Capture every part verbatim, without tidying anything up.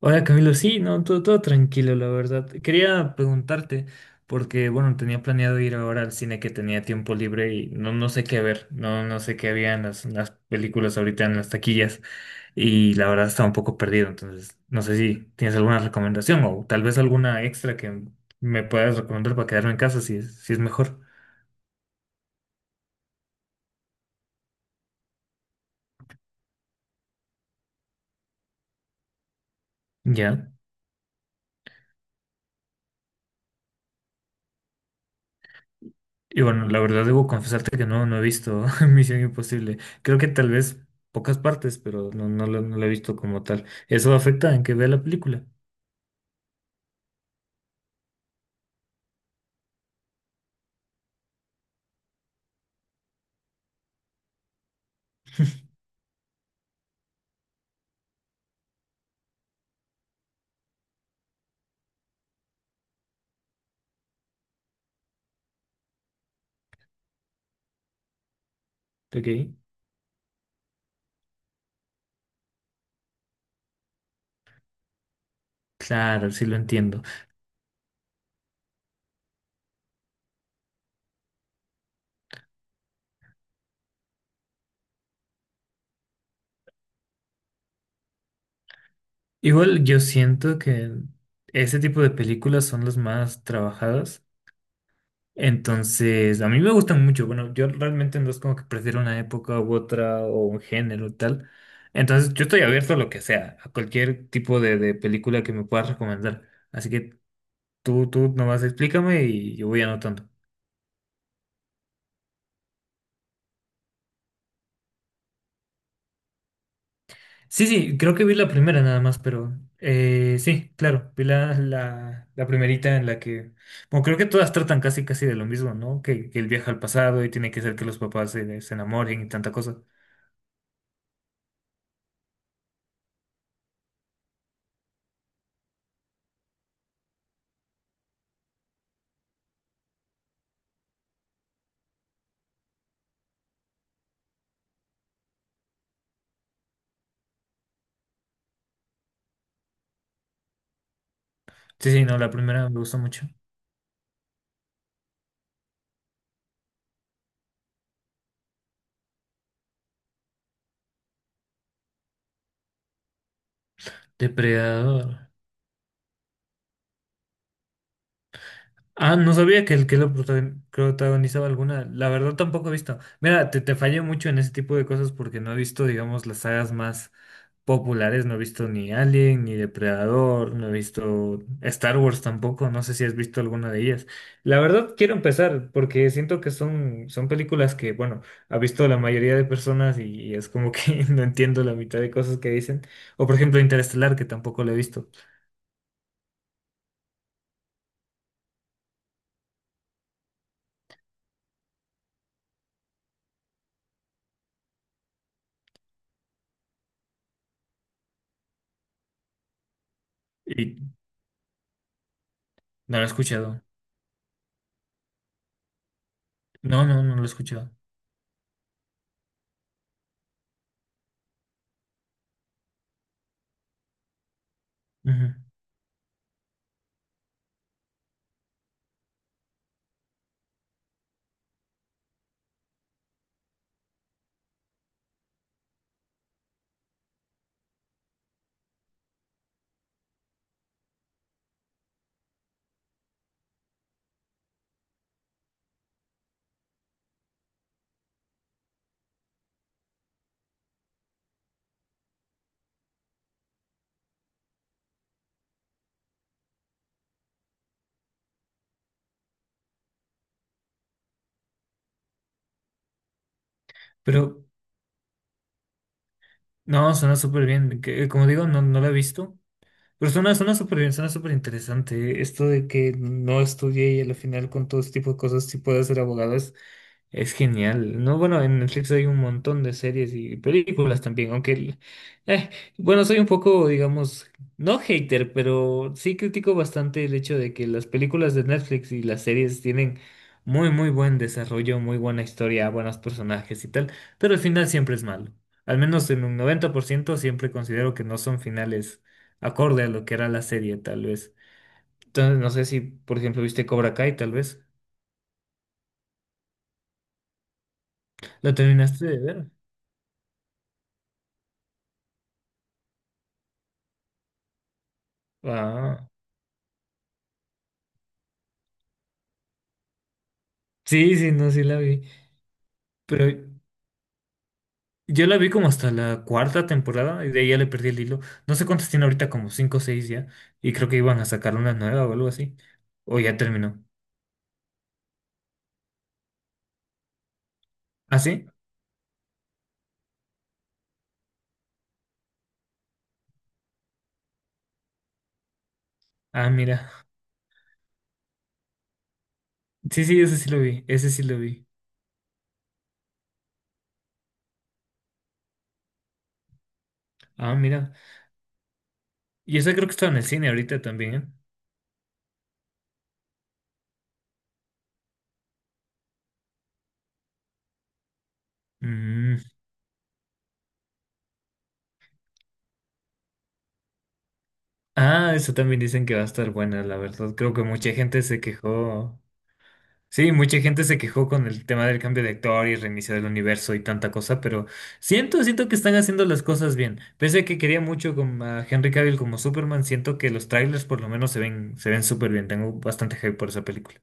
Hola Camilo, sí, no, todo, todo tranquilo, la verdad. Quería preguntarte, porque bueno, tenía planeado ir ahora al cine que tenía tiempo libre y no, no sé qué ver, no, no sé qué había en las, en las películas ahorita en las taquillas, y la verdad estaba un poco perdido. Entonces no sé si tienes alguna recomendación o tal vez alguna extra que me puedas recomendar para quedarme en casa si es, si es mejor. Ya. Y bueno, la verdad debo confesarte que no, no he visto Misión Imposible. Creo que tal vez pocas partes, pero no, no lo, no lo he visto como tal. ¿Eso afecta en que vea la película? Ok. Claro, sí lo entiendo. Igual yo siento que ese tipo de películas son las más trabajadas. Entonces, a mí me gustan mucho. Bueno, yo realmente no es como que prefiero una época u otra o un género y tal. Entonces, yo estoy abierto a lo que sea, a cualquier tipo de, de película que me puedas recomendar. Así que Tú, tú nomás explícame y yo voy anotando. Sí, sí, creo que vi la primera nada más, pero eh, sí, claro, vi la, la, la primerita en la que, bueno, creo que todas tratan casi casi de lo mismo, ¿no? Que, que él viaja al pasado y tiene que hacer que los papás se, se enamoren y tanta cosa. Sí, sí, no, la primera me gustó mucho. Depredador. Ah, no sabía que el que lo protagon- protagonizaba alguna. La verdad tampoco he visto. Mira, te, te fallé mucho en ese tipo de cosas porque no he visto, digamos, las sagas más populares. No he visto ni Alien, ni Depredador, no he visto Star Wars tampoco, no sé si has visto alguna de ellas. La verdad, quiero empezar porque siento que son, son películas que, bueno, ha visto la mayoría de personas, y, y es como que no entiendo la mitad de cosas que dicen. O por ejemplo, Interestelar, que tampoco lo he visto y no lo he escuchado. No, no, no lo he escuchado. Ujú. Pero no, suena súper bien. Que- como digo, no, no lo he visto. Pero suena, suena súper bien, suena súper interesante. ¿Eh? Esto de que no estudié y al final con todo este tipo de cosas sí pueda ser abogado es genial. No, bueno, en Netflix hay un montón de series y películas también, aunque, el- eh, bueno, soy un poco, digamos, no hater, pero sí critico bastante el hecho de que las películas de Netflix y las series tienen muy, muy buen desarrollo, muy buena historia, buenos personajes y tal, pero el final siempre es malo. Al menos en un noventa por ciento siempre considero que no son finales acorde a lo que era la serie, tal vez. Entonces, no sé si, por ejemplo, viste Cobra Kai, tal vez. ¿Lo terminaste de ver? Ah. Sí, sí, no, sí la vi. Pero yo la vi como hasta la cuarta temporada y de ahí ya le perdí el hilo. No sé cuántas tiene ahorita, como cinco o seis ya. Y creo que iban a sacar una nueva o algo así. O ya terminó. ¿Ah, sí? Ah, mira. Sí, sí, ese sí lo vi. Ese sí lo vi. Ah, mira. Y esa creo que está en el cine ahorita también, ¿eh? Mm. Ah, eso también dicen que va a estar buena, la verdad. Creo que mucha gente se quejó. Sí, mucha gente se quejó con el tema del cambio de actor y reiniciar el universo y tanta cosa, pero siento, siento que están haciendo las cosas bien. Pese a que quería mucho con a Henry Cavill como Superman, siento que los trailers por lo menos se ven, se ven súper bien. Tengo bastante hype por esa película.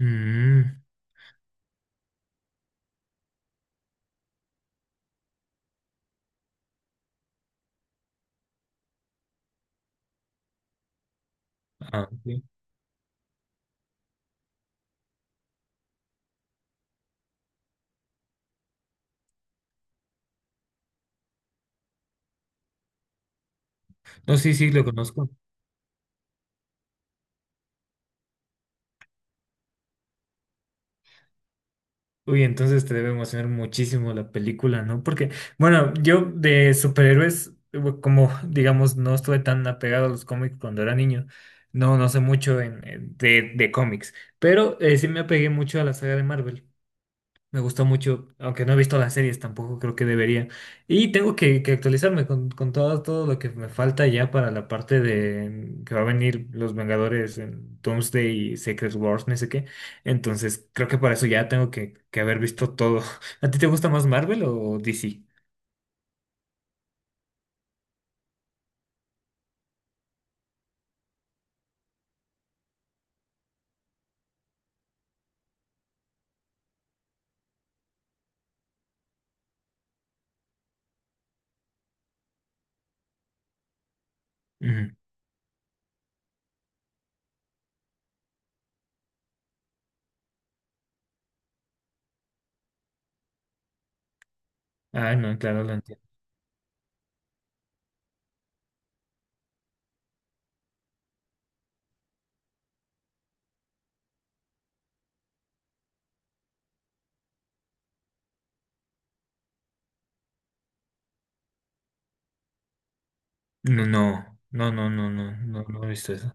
Mm, ah, ok. No, sí, sí, lo conozco. Uy, entonces te debe emocionar muchísimo la película, ¿no? Porque, bueno, yo de superhéroes, bu- como digamos, no estuve tan apegado a los cómics cuando era niño, no, no sé mucho en, en- de, de cómics, pero eh, sí me apegué mucho a la saga de Marvel. Me gustó mucho, aunque no he visto las series tampoco, creo que debería. Y tengo que, que actualizarme con, con todo, todo lo que me falta ya para la parte de que va a venir los Vengadores en Doomsday y Secret Wars, no sé qué. Entonces, creo que para eso ya tengo que, que haber visto todo. ¿A ti te gusta más Marvel o D C? Ujú. Ah, no, claro, lo entiendo. No, no, no, no, no, no, no, no he visto eso.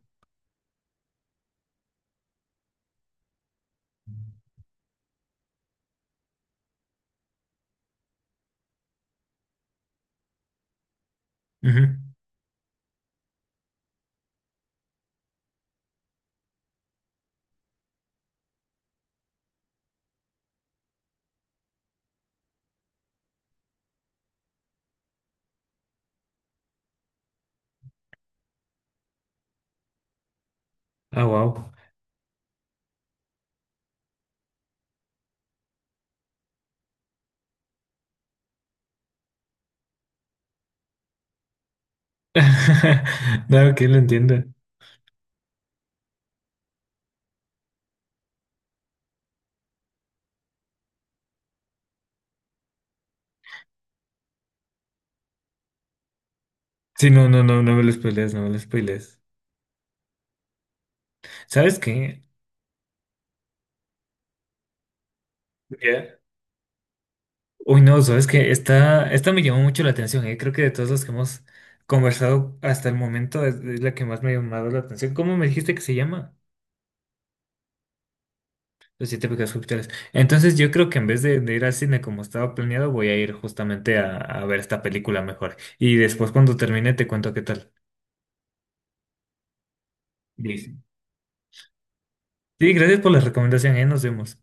Ujú. Ah, wow. No, que lo entiendo. Sí, no, no, no, no me lo spoilees, no me lo spoilees. ¿Sabes qué? Ya. Uy, no, sabes que esta, esta me llamó mucho la atención, ¿eh? Creo que de todos los que hemos conversado hasta el momento es, es la que más me ha llamado la atención. ¿Cómo me dijiste que se llama? Los siete pecados capitales. Entonces yo creo que en vez de, de ir al cine como estaba planeado, voy a ir justamente a, a ver esta película mejor. Y después cuando termine te cuento qué tal. Listo. Sí, gracias por la recomendación, ¿eh? Nos vemos.